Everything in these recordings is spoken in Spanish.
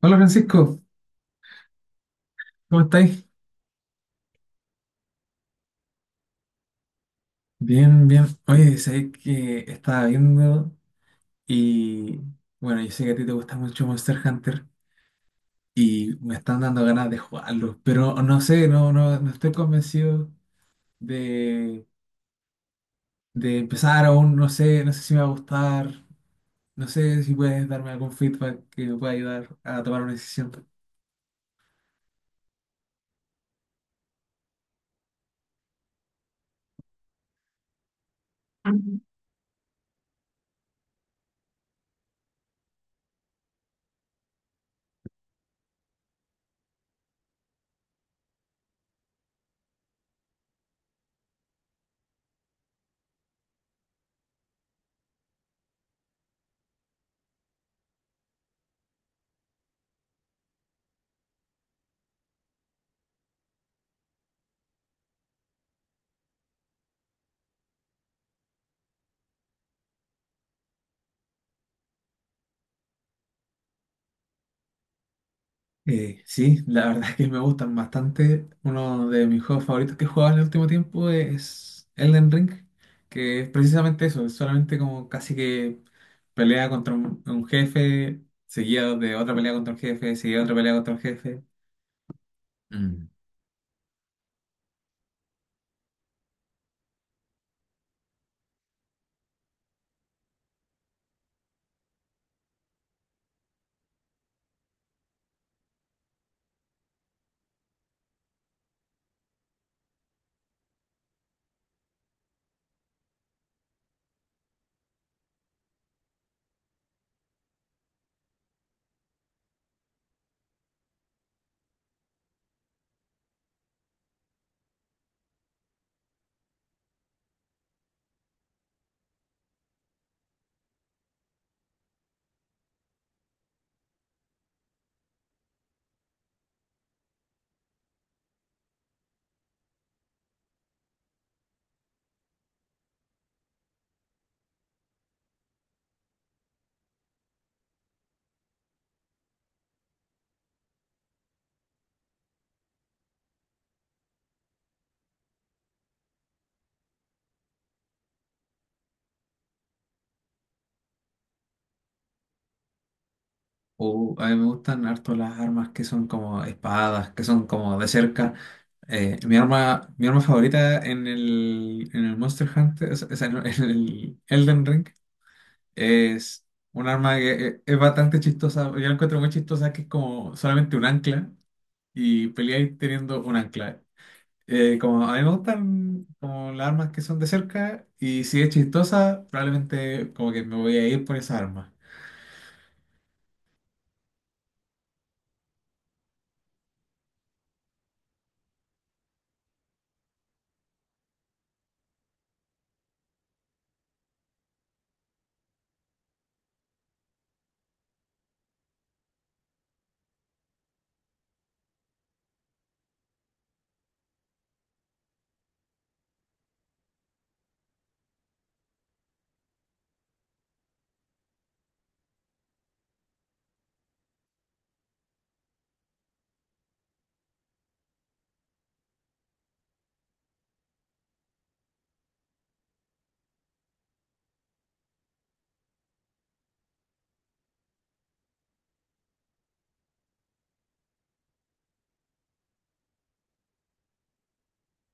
Hola, Francisco, ¿cómo estáis? Bien, bien. Oye, sé que estaba viendo y bueno, yo sé que a ti te gusta mucho Monster Hunter y me están dando ganas de jugarlo, pero no sé, no, no, no estoy convencido de, de empezar aún, no sé, no sé si me va a gustar, no sé si puedes darme algún feedback que me pueda ayudar a tomar una decisión. Sí, la verdad es que me gustan bastante. Uno de mis juegos favoritos que he jugado en el último tiempo es Elden Ring, que es precisamente eso, es solamente como casi que pelea contra un jefe, seguido de otra pelea contra un jefe, seguida de otra pelea contra un jefe. Mm. O a mí me gustan harto las armas que son como espadas, que son como de cerca. Mi arma, mi arma favorita en el Monster Hunter, o sea, en el Elden Ring es un arma que es bastante chistosa. Yo la encuentro muy chistosa, que es como solamente un ancla y peleáis teniendo un ancla. Como a mí me gustan como las armas que son de cerca y si es chistosa, probablemente como que me voy a ir por esa arma.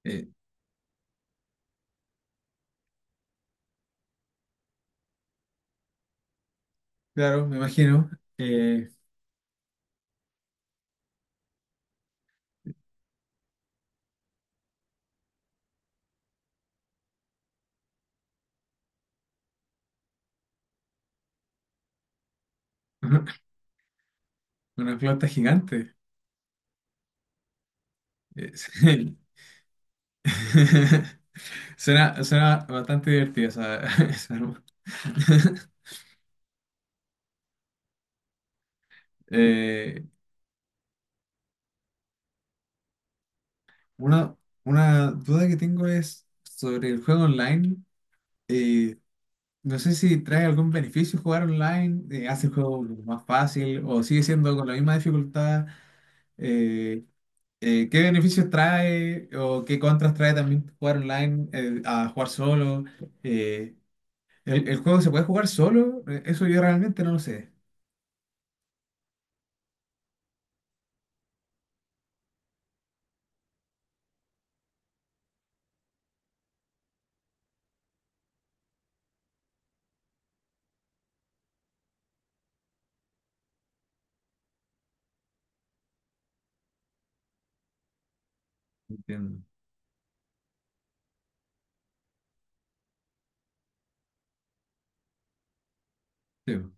Eh, claro, me imagino. eh, una flauta gigante. Sí. Suena, suena bastante divertida esa, esa arma. Eh, Una, una duda que tengo es sobre el juego online. Eh, no sé si trae algún beneficio jugar online, hace el juego más fácil o sigue siendo con la misma dificultad. Eh, ¿Qué beneficios trae o qué contras trae también jugar online a jugar solo? Eh, ¿El, el juego se puede jugar solo? Eso yo realmente no lo sé. Entiendo. Sí.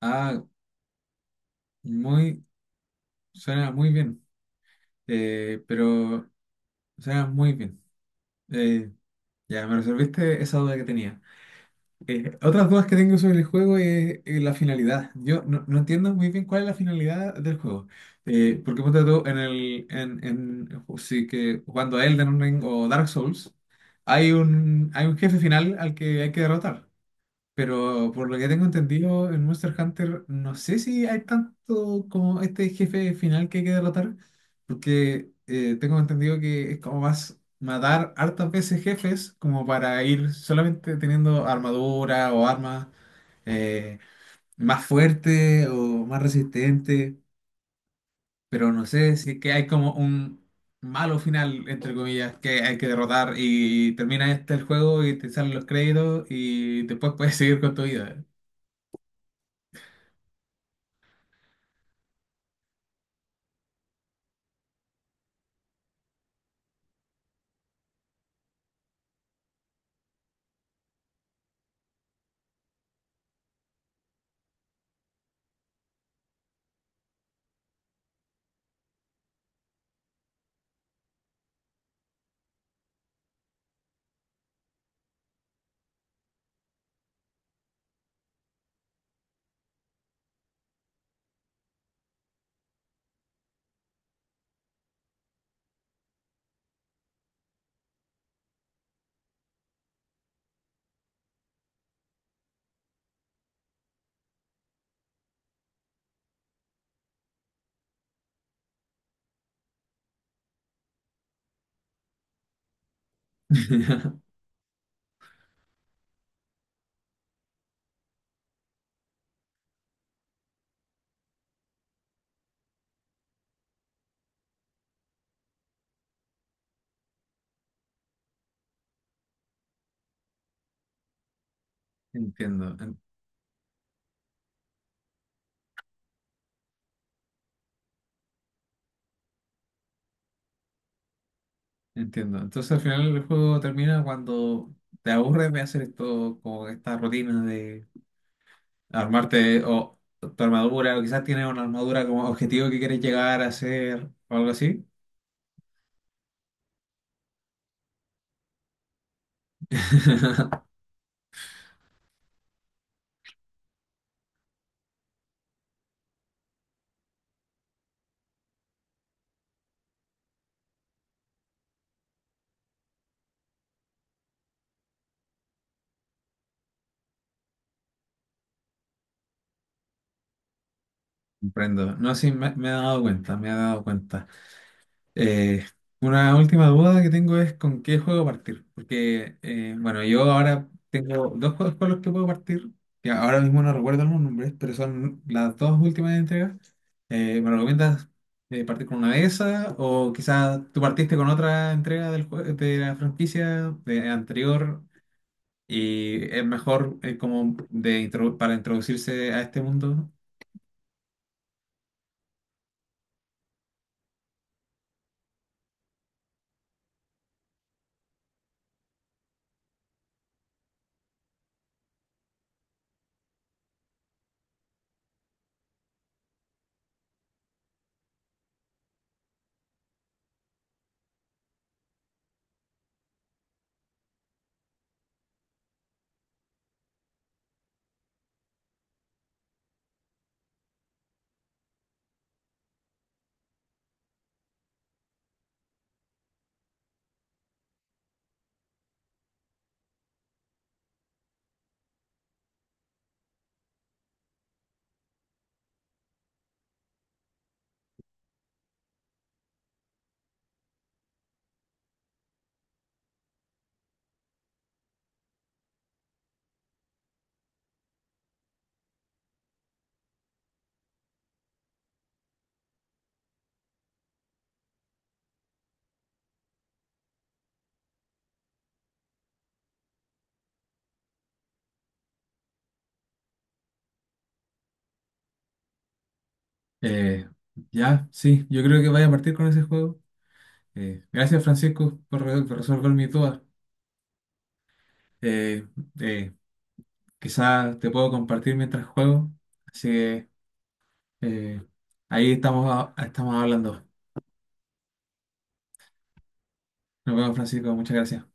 Ah, muy, suena muy bien. Pero suena muy bien. Eh, Ya, me resolviste esa duda que tenía. Otras dudas que tengo sobre el juego es la finalidad. Yo no, no entiendo muy bien cuál es la finalidad del juego. Porque ponte tú en el, en, sí que jugando a Elden Ring o Dark Souls, hay un jefe final al que hay que derrotar. Pero por lo que tengo entendido, en Monster Hunter no sé si hay tanto como este jefe final que hay que derrotar, porque tengo entendido que es como más matar hartas veces jefes como para ir solamente teniendo armadura o armas eh, más fuerte o más resistente, pero no sé si es que hay como un malo final, entre comillas, que hay que derrotar y termina este el juego y te salen los créditos y después puedes seguir con tu vida. Entiendo, en- Entiendo. Entonces al final el juego termina cuando te aburres de hacer esto, como esta rutina de armarte o tu armadura, o quizás tienes una armadura como objetivo que quieres llegar a hacer o algo así. Comprendo. No, sí, me he dado cuenta, me he dado cuenta. Eh, una última duda que tengo es con qué juego partir. Porque, bueno, yo ahora tengo dos juegos con los que puedo partir, que ahora mismo no recuerdo los nombres, pero son las dos últimas entregas. Me recomiendas partir con una de esas? O quizás tú partiste con otra entrega del de la franquicia de anterior y es mejor como de para introducirse a este mundo. Eh, ya, sí, yo creo que vaya a partir con ese juego. Gracias, Francisco, por, por resolver mis dudas. Eh, eh, Quizás te puedo compartir mientras juego. Así que eh, ahí estamos, estamos hablando. Nos vemos, Francisco. Muchas gracias.